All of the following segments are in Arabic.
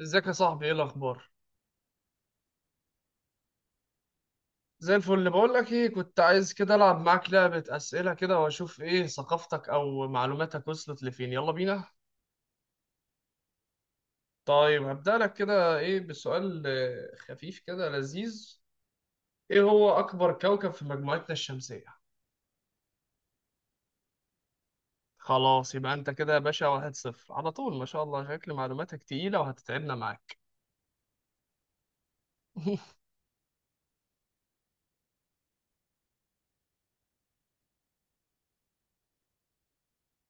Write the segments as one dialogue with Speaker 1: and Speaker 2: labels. Speaker 1: ازيك يا صاحبي؟ ايه الاخبار؟ زي الفل. بقول لك ايه، كنت عايز كده العب معاك لعبة اسئلة كده واشوف ايه ثقافتك او معلوماتك وصلت لفين. يلا بينا. طيب هبدأ لك كده ايه بسؤال خفيف كده لذيذ. ايه هو اكبر كوكب في مجموعتنا الشمسية؟ خلاص، يبقى انت كده يا باشا 1-0 على طول. ما شاء الله، شكل معلوماتك تقيلة وهتتعبنا معاك.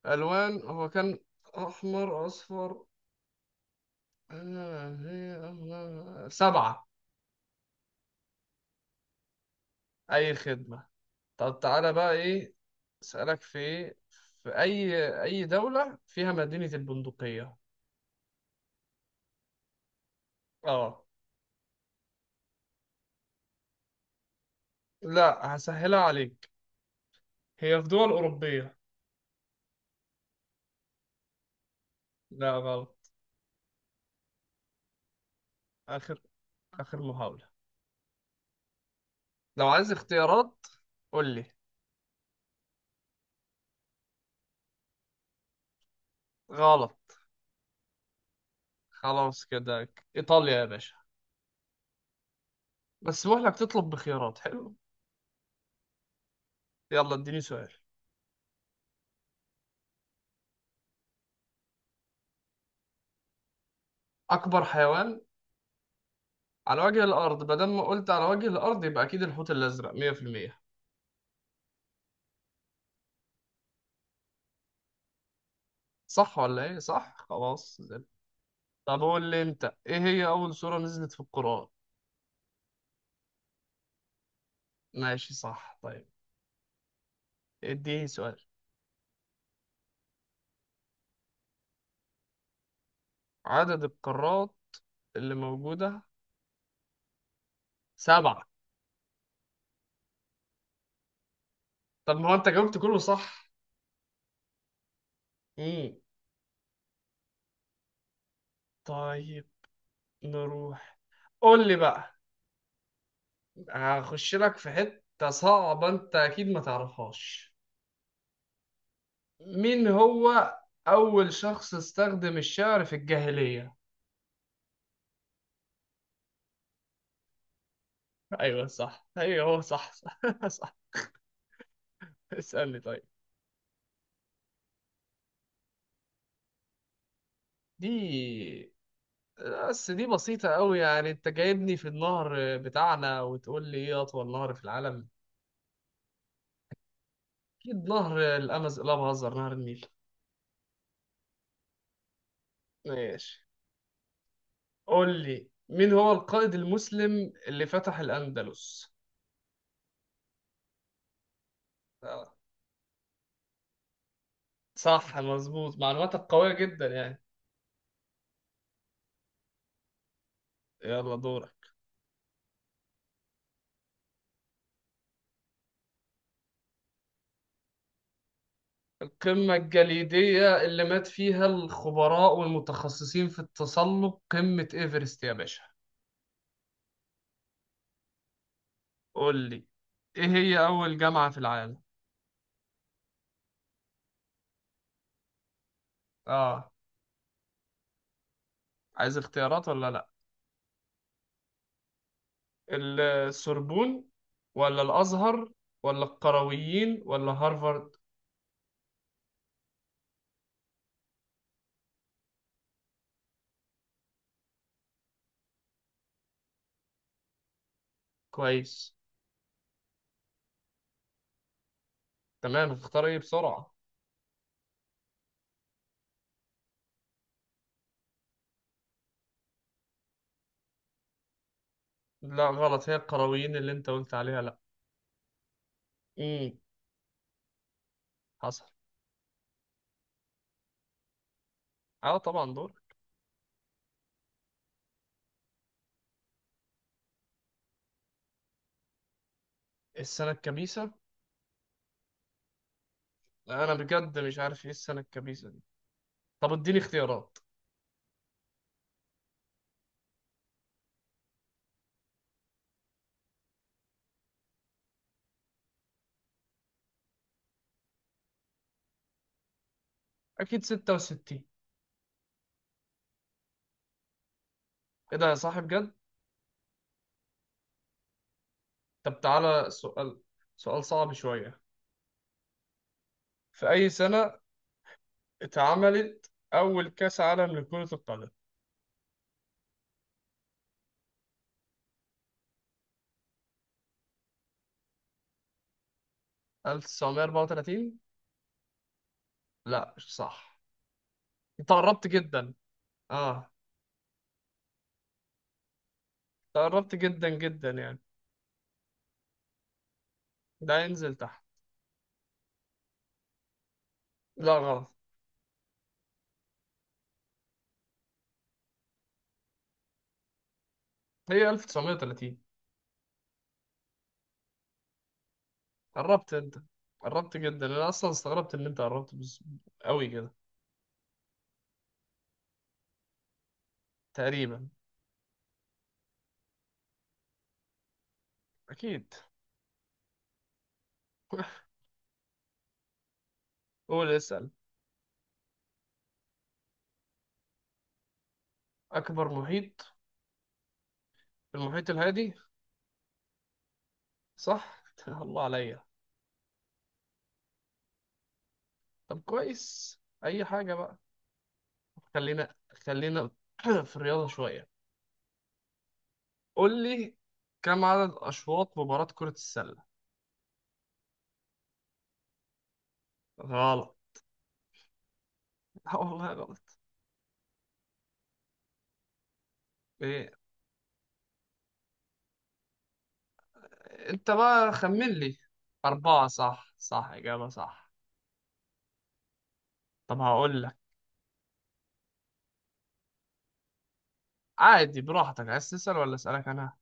Speaker 1: الوان هو كان احمر اصفر سبعة. اي خدمة. طب تعالى بقى ايه اسألك في اي دولة فيها مدينة البندقية؟ اه. لا، هسهلها عليك. هي في دول أوروبية. لا غلط. آخر آخر محاولة. لو عايز اختيارات قول لي. غلط. خلاص كده. إيطاليا يا باشا. بس بقول لك تطلب بخيارات حلو. يلا اديني سؤال. أكبر حيوان على وجه الأرض، بدل ما قلت على وجه الأرض يبقى أكيد الحوت الأزرق. 100%. صح ولا إيه؟ صح، خلاص. طب قول لي انت ايه هي اول سورة نزلت في القرآن؟ ماشي صح. طيب اديني سؤال. عدد القارات اللي موجودة 7. طب ما هو انت جاوبت كله صح. امم. طيب نروح. قول لي بقى، هخش لك في حتة صعبة انت اكيد ما تعرفهاش. مين هو اول شخص استخدم الشعر في الجاهلية؟ ايوه صح، ايوه هو صح صح. صح. اسألني طيب. دي بس دي بسيطة أوي. يعني أنت جايبني في النهر بتاعنا وتقول لي إيه أطول نهر في العالم؟ أكيد نهر الأمز، لا بهزر، نهر النيل. ماشي. قول لي مين هو القائد المسلم اللي فتح الأندلس؟ آه. صح مظبوط، معلوماتك قوية جدا يعني. يلا دورك. القمة الجليدية اللي مات فيها الخبراء والمتخصصين في التسلق، قمة إيفرست يا باشا. قول لي إيه هي أول جامعة في العالم؟ آه. عايز اختيارات ولا لأ؟ السوربون، ولا الأزهر، ولا القرويين، ولا هارفارد. كويس. تمام، اختار ايه بسرعة. لا غلط، هي القرويين اللي انت قلت عليها. لا. امم. حصل. اه طبعا دور. السنة الكبيسة. لا، انا بجد مش عارف ايه السنة الكبيسة دي. طب اديني اختيارات. اكيد 66. ايه ده يا صاحب بجد. طب تعالى سؤال. سؤال صعب شوية. في اي سنة اتعملت اول كأس عالم لكرة القدم؟ 1934؟ لا مش صح. انت قربت جدا. اه. انت قربت جدا جدا يعني. لا، ينزل تحت. لا غلط. هي 1930. قربت انت، قربت جدا، انا اصلا استغربت ان انت قربت بس... قوي كده. تقريبا. اكيد. قول اسال. اكبر محيط، المحيط الهادي. صح. الله عليا. طب كويس، اي حاجه بقى. خلينا خلينا في الرياضه شويه. قول لي كم عدد اشواط مباراه كره السله؟ غلط. لا والله غلط. ايه، انت بقى خمن لي. 4 صح، صح إجابة صح. طب هقول لك. عادي براحتك، عايز تسأل ولا أسألك أنا؟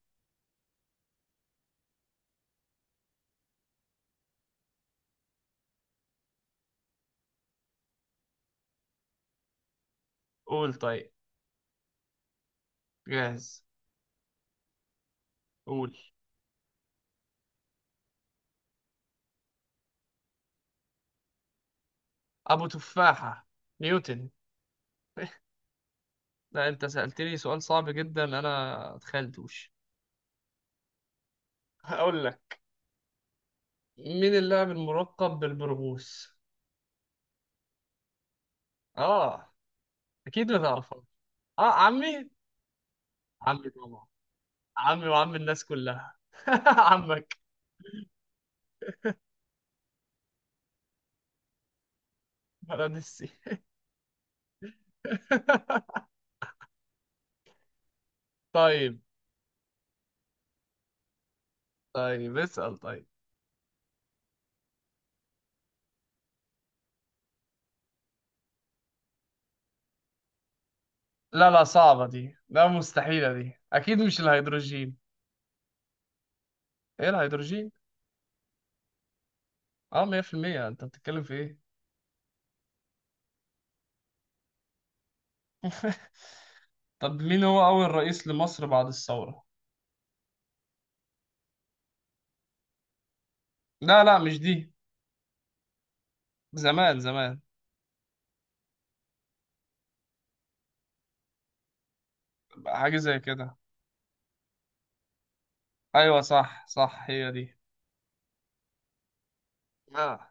Speaker 1: قول طيب. جاهز. قول. أبو تفاحة. نيوتن. لا أنت سألتني سؤال صعب جدا أنا متخيلتوش. هقول لك. مين اللاعب الملقب بالبرغوث؟ آه. أكيد ما تعرفه. آه عمي. عمي طبعا. عمي وعم الناس كلها. عمك. بلد السي. طيب. طيب اسأل طيب. لا لا صعبة دي، لا مستحيلة دي، أكيد مش الهيدروجين. إيه الهيدروجين؟ أه 100%. أنت بتتكلم في إيه؟ طب مين هو أول رئيس لمصر بعد الثورة؟ لا لا مش دي. زمان زمان. حاجة زي كده. أيوة صح صح هي دي. آه.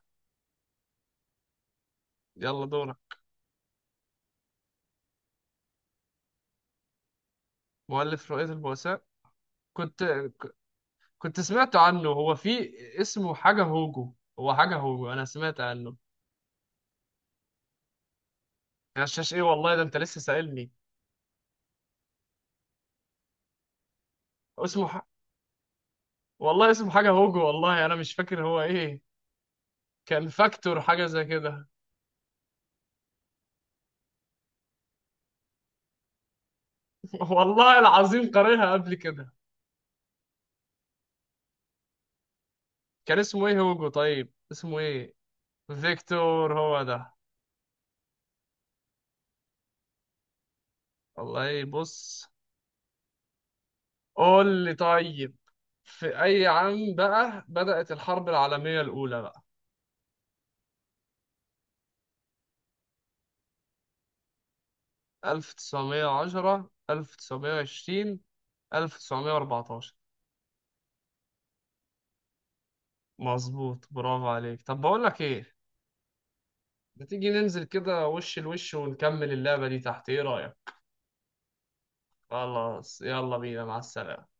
Speaker 1: يلا دورك. مؤلف رؤية البؤساء. كنت ك- كنت سمعت عنه. هو في، اسمه حاجة هوجو. هو حاجة هوجو، أنا سمعت عنه. يا غشاش إيه والله، ده أنت لسه سائلني. اسمه ح... والله اسمه حاجة هوجو، والله أنا مش فاكر هو إيه. كان فاكتور حاجة زي كده. والله العظيم قارنها قبل كده. كان اسمه ايه هوجو؟ طيب اسمه ايه؟ فيكتور هو ده. والله بص. قول لي طيب. في أي عام بقى بدأت الحرب العالمية الأولى بقى؟ 1910، 1920، 1914. مظبوط برافو عليك. طب بقول لك ايه. ما تيجي ننزل كده وش لوش ونكمل اللعبة دي تحت، ايه رأيك؟ خلاص يلا بينا، مع السلامة.